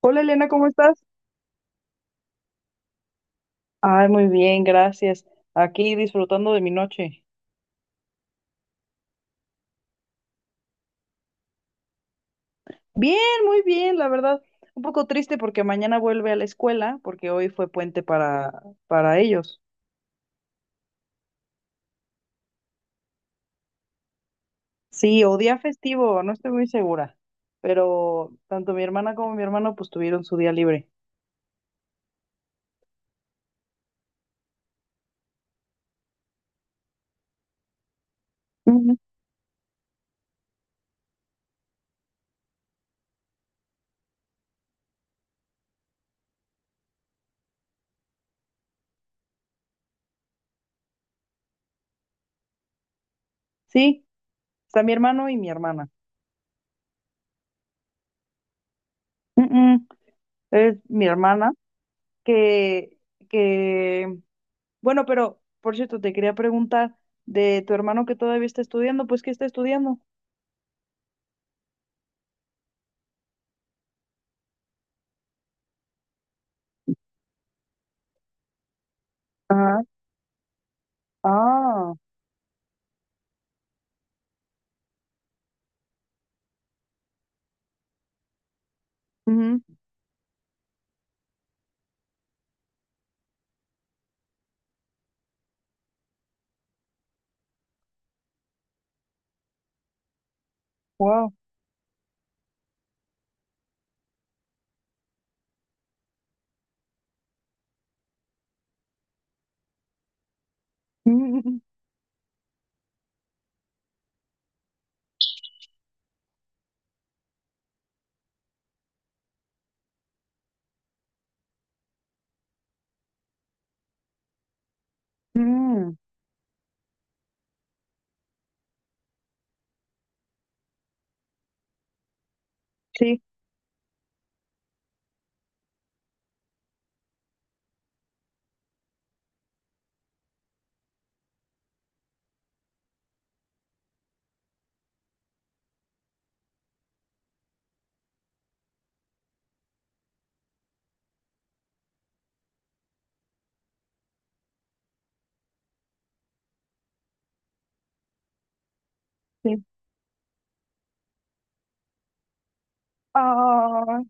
Hola Elena, ¿cómo estás? Ay, muy bien, gracias. Aquí disfrutando de mi noche. Bien, muy bien, la verdad. Un poco triste porque mañana vuelve a la escuela, porque hoy fue puente para ellos. Sí, o día festivo, no estoy muy segura. Pero tanto mi hermana como mi hermano pues tuvieron su día libre. Ujú. Sí, está mi hermano y mi hermana. Mm, mm, Es mi hermana que, que Bueno, pero por cierto, te quería preguntar de tu hermano que todavía está estudiando, pues ¿qué está estudiando? Ajá. Ah. Ujú. Wow. Mm, mm, mm. Sí, sí. ah,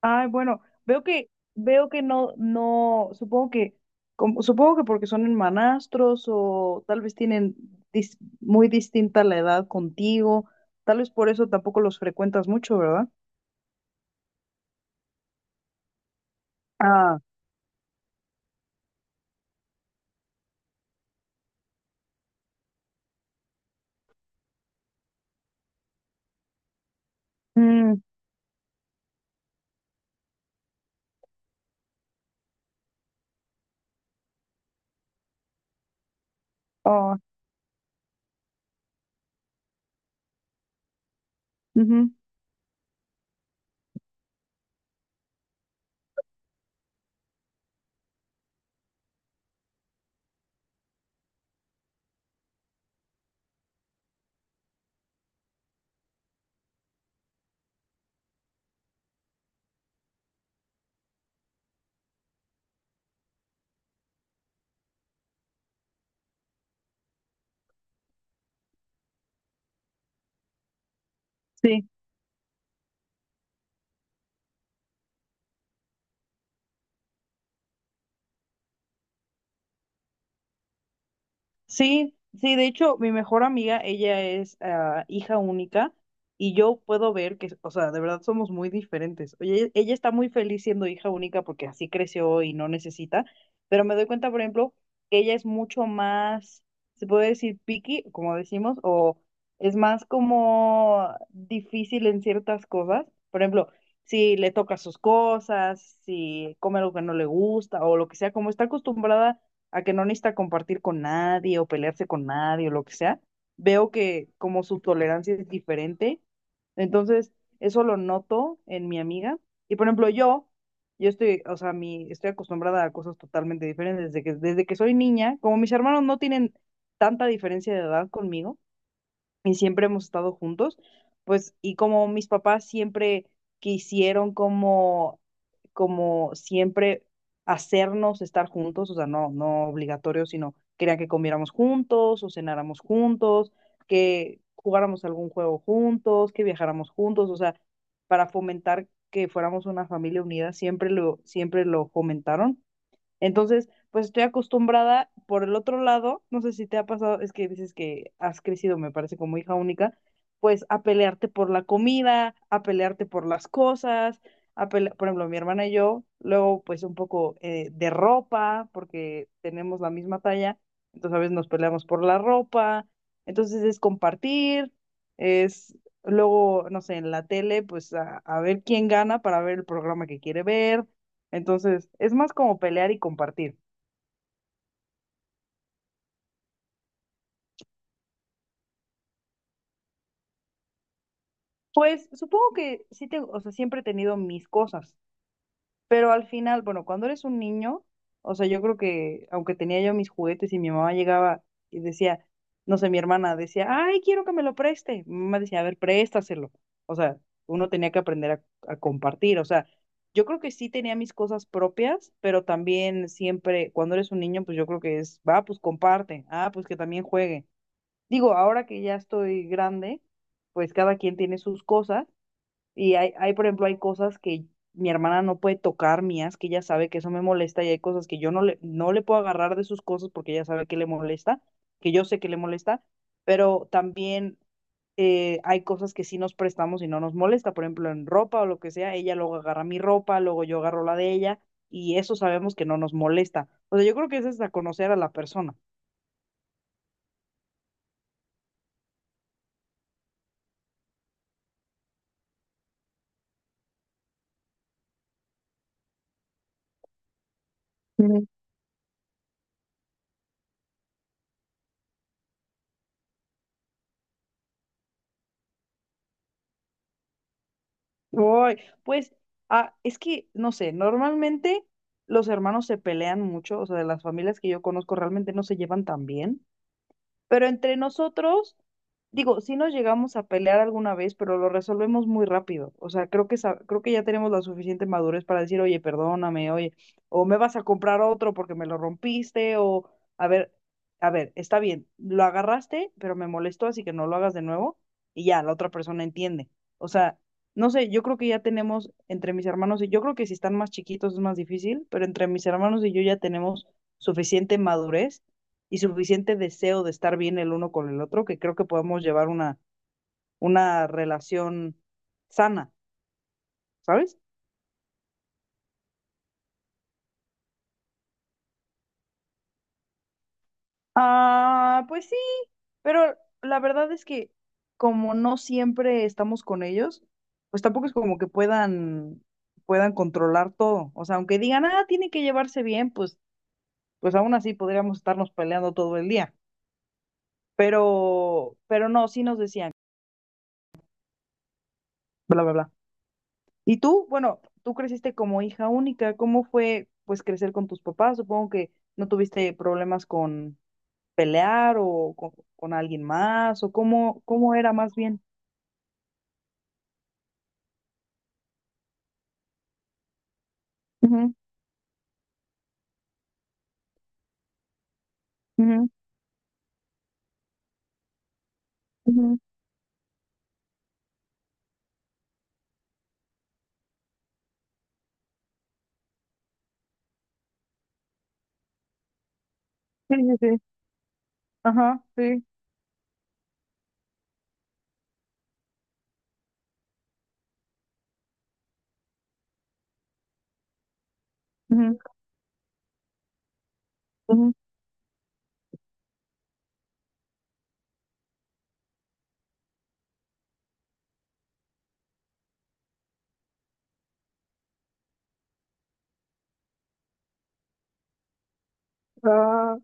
Ay, bueno, veo que no, no, supongo que porque son hermanastros o tal vez tienen muy distinta la edad contigo, tal vez por eso tampoco los frecuentas mucho, ¿verdad? ah, mm, oh. Ujú. Sí. Sí, sí, de hecho, mi mejor amiga, ella es hija única y yo puedo ver que, o sea, de verdad somos muy diferentes. Oye, ella está muy feliz siendo hija única porque así creció y no necesita, pero me doy cuenta, por ejemplo, que ella es mucho más, se puede decir picky, como decimos, o es más como difícil en ciertas cosas. Por ejemplo, si le toca sus cosas, si come algo que no le gusta o lo que sea, como está acostumbrada a que no necesita compartir con nadie o pelearse con nadie o lo que sea, veo que como su tolerancia es diferente. Entonces, eso lo noto en mi amiga. Y por ejemplo, yo estoy, o sea, mi, estoy acostumbrada a cosas totalmente diferentes desde que soy niña. Como mis hermanos no tienen tanta diferencia de edad conmigo, y siempre hemos estado juntos, pues, y como mis papás siempre quisieron como, como siempre hacernos estar juntos, o sea, no, no obligatorio, sino querían que comiéramos juntos o cenáramos juntos, que jugáramos algún juego juntos, que viajáramos juntos, o sea, para fomentar que fuéramos una familia unida, siempre lo fomentaron. Entonces, pues estoy acostumbrada por el otro lado, no sé si te ha pasado, es que dices que has crecido, me parece, como hija única, pues a pelearte por la comida, a pelearte por las cosas, por ejemplo, mi hermana y yo, luego pues un poco de ropa, porque tenemos la misma talla, entonces a veces nos peleamos por la ropa, entonces es compartir, es luego, no sé, en la tele, pues a ver quién gana para ver el programa que quiere ver, entonces, es más como pelear y compartir. Pues supongo que sí tengo, o sea, siempre he tenido mis cosas, pero al final, bueno, cuando eres un niño, o sea, yo creo que aunque tenía yo mis juguetes y mi mamá llegaba y decía, no sé, mi hermana decía, ay, quiero que me lo preste. Mi mamá decía, a ver, préstaselo. O sea, uno tenía que aprender a compartir. O sea, yo creo que sí tenía mis cosas propias, pero también siempre, cuando eres un niño, pues yo creo que es, va, pues comparte, ah, pues que también juegue. Digo, ahora que ya estoy grande, pues cada quien tiene sus cosas y hay, por ejemplo, hay cosas que mi hermana no puede tocar mías, que ella sabe que eso me molesta y hay cosas que yo no le puedo agarrar de sus cosas porque ella sabe que le molesta, que yo sé que le molesta, pero también hay cosas que sí nos prestamos y no nos molesta, por ejemplo, en ropa o lo que sea, ella luego agarra mi ropa, luego yo agarro la de ella y eso sabemos que no nos molesta. O sea, yo creo que eso es a conocer a la persona. Uy, pues es que, no sé, normalmente los hermanos se pelean mucho, o sea, de las familias que yo conozco realmente no se llevan tan bien. Pero entre nosotros, digo, sí nos llegamos a pelear alguna vez, pero lo resolvemos muy rápido. O sea, creo que ya tenemos la suficiente madurez para decir, oye, perdóname, oye, o me vas a comprar otro porque me lo rompiste, o a ver, a ver, está bien, lo agarraste, pero me molestó, así que no lo hagas de nuevo, y ya, la otra persona entiende. O sea, no sé, yo creo que ya tenemos entre mis hermanos y yo creo que si están más chiquitos es más difícil, pero entre mis hermanos y yo ya tenemos suficiente madurez y suficiente deseo de estar bien el uno con el otro que creo que podemos llevar una relación sana, ¿sabes? Ah, pues sí, pero la verdad es que como no siempre estamos con ellos, pues tampoco es como que puedan controlar todo. O sea, aunque digan, ah, tienen que llevarse bien, pues, pues aún así podríamos estarnos peleando todo el día. Pero no, sí nos decían, bla, bla, bla. Y tú, bueno, tú creciste como hija única, ¿cómo fue pues crecer con tus papás? Supongo que no tuviste problemas con pelear o con alguien más, o cómo era más bien. Ujú, ujú, ujú. Sí, sí, sí. Ajá, sí. Ujú, ujú. Ah,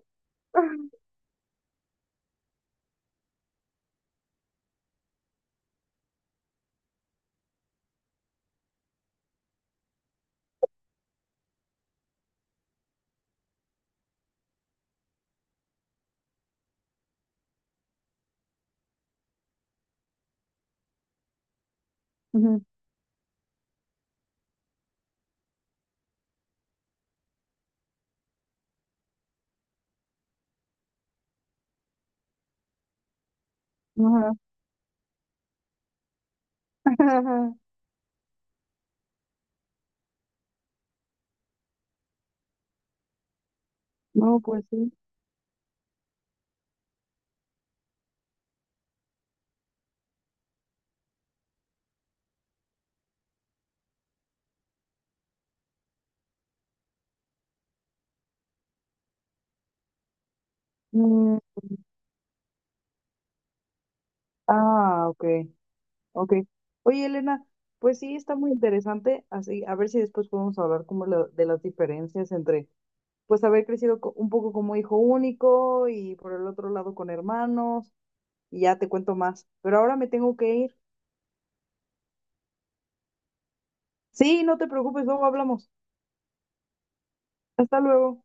ujú, ajá. No, pues sí. Mm, ah, ok, ok. Oye, Elena, pues sí, está muy interesante, así, a ver si después podemos hablar como de las diferencias entre pues haber crecido un poco como hijo único y por el otro lado con hermanos y ya te cuento más. Pero ahora me tengo que ir. Sí, no te preocupes, luego hablamos. Hasta luego.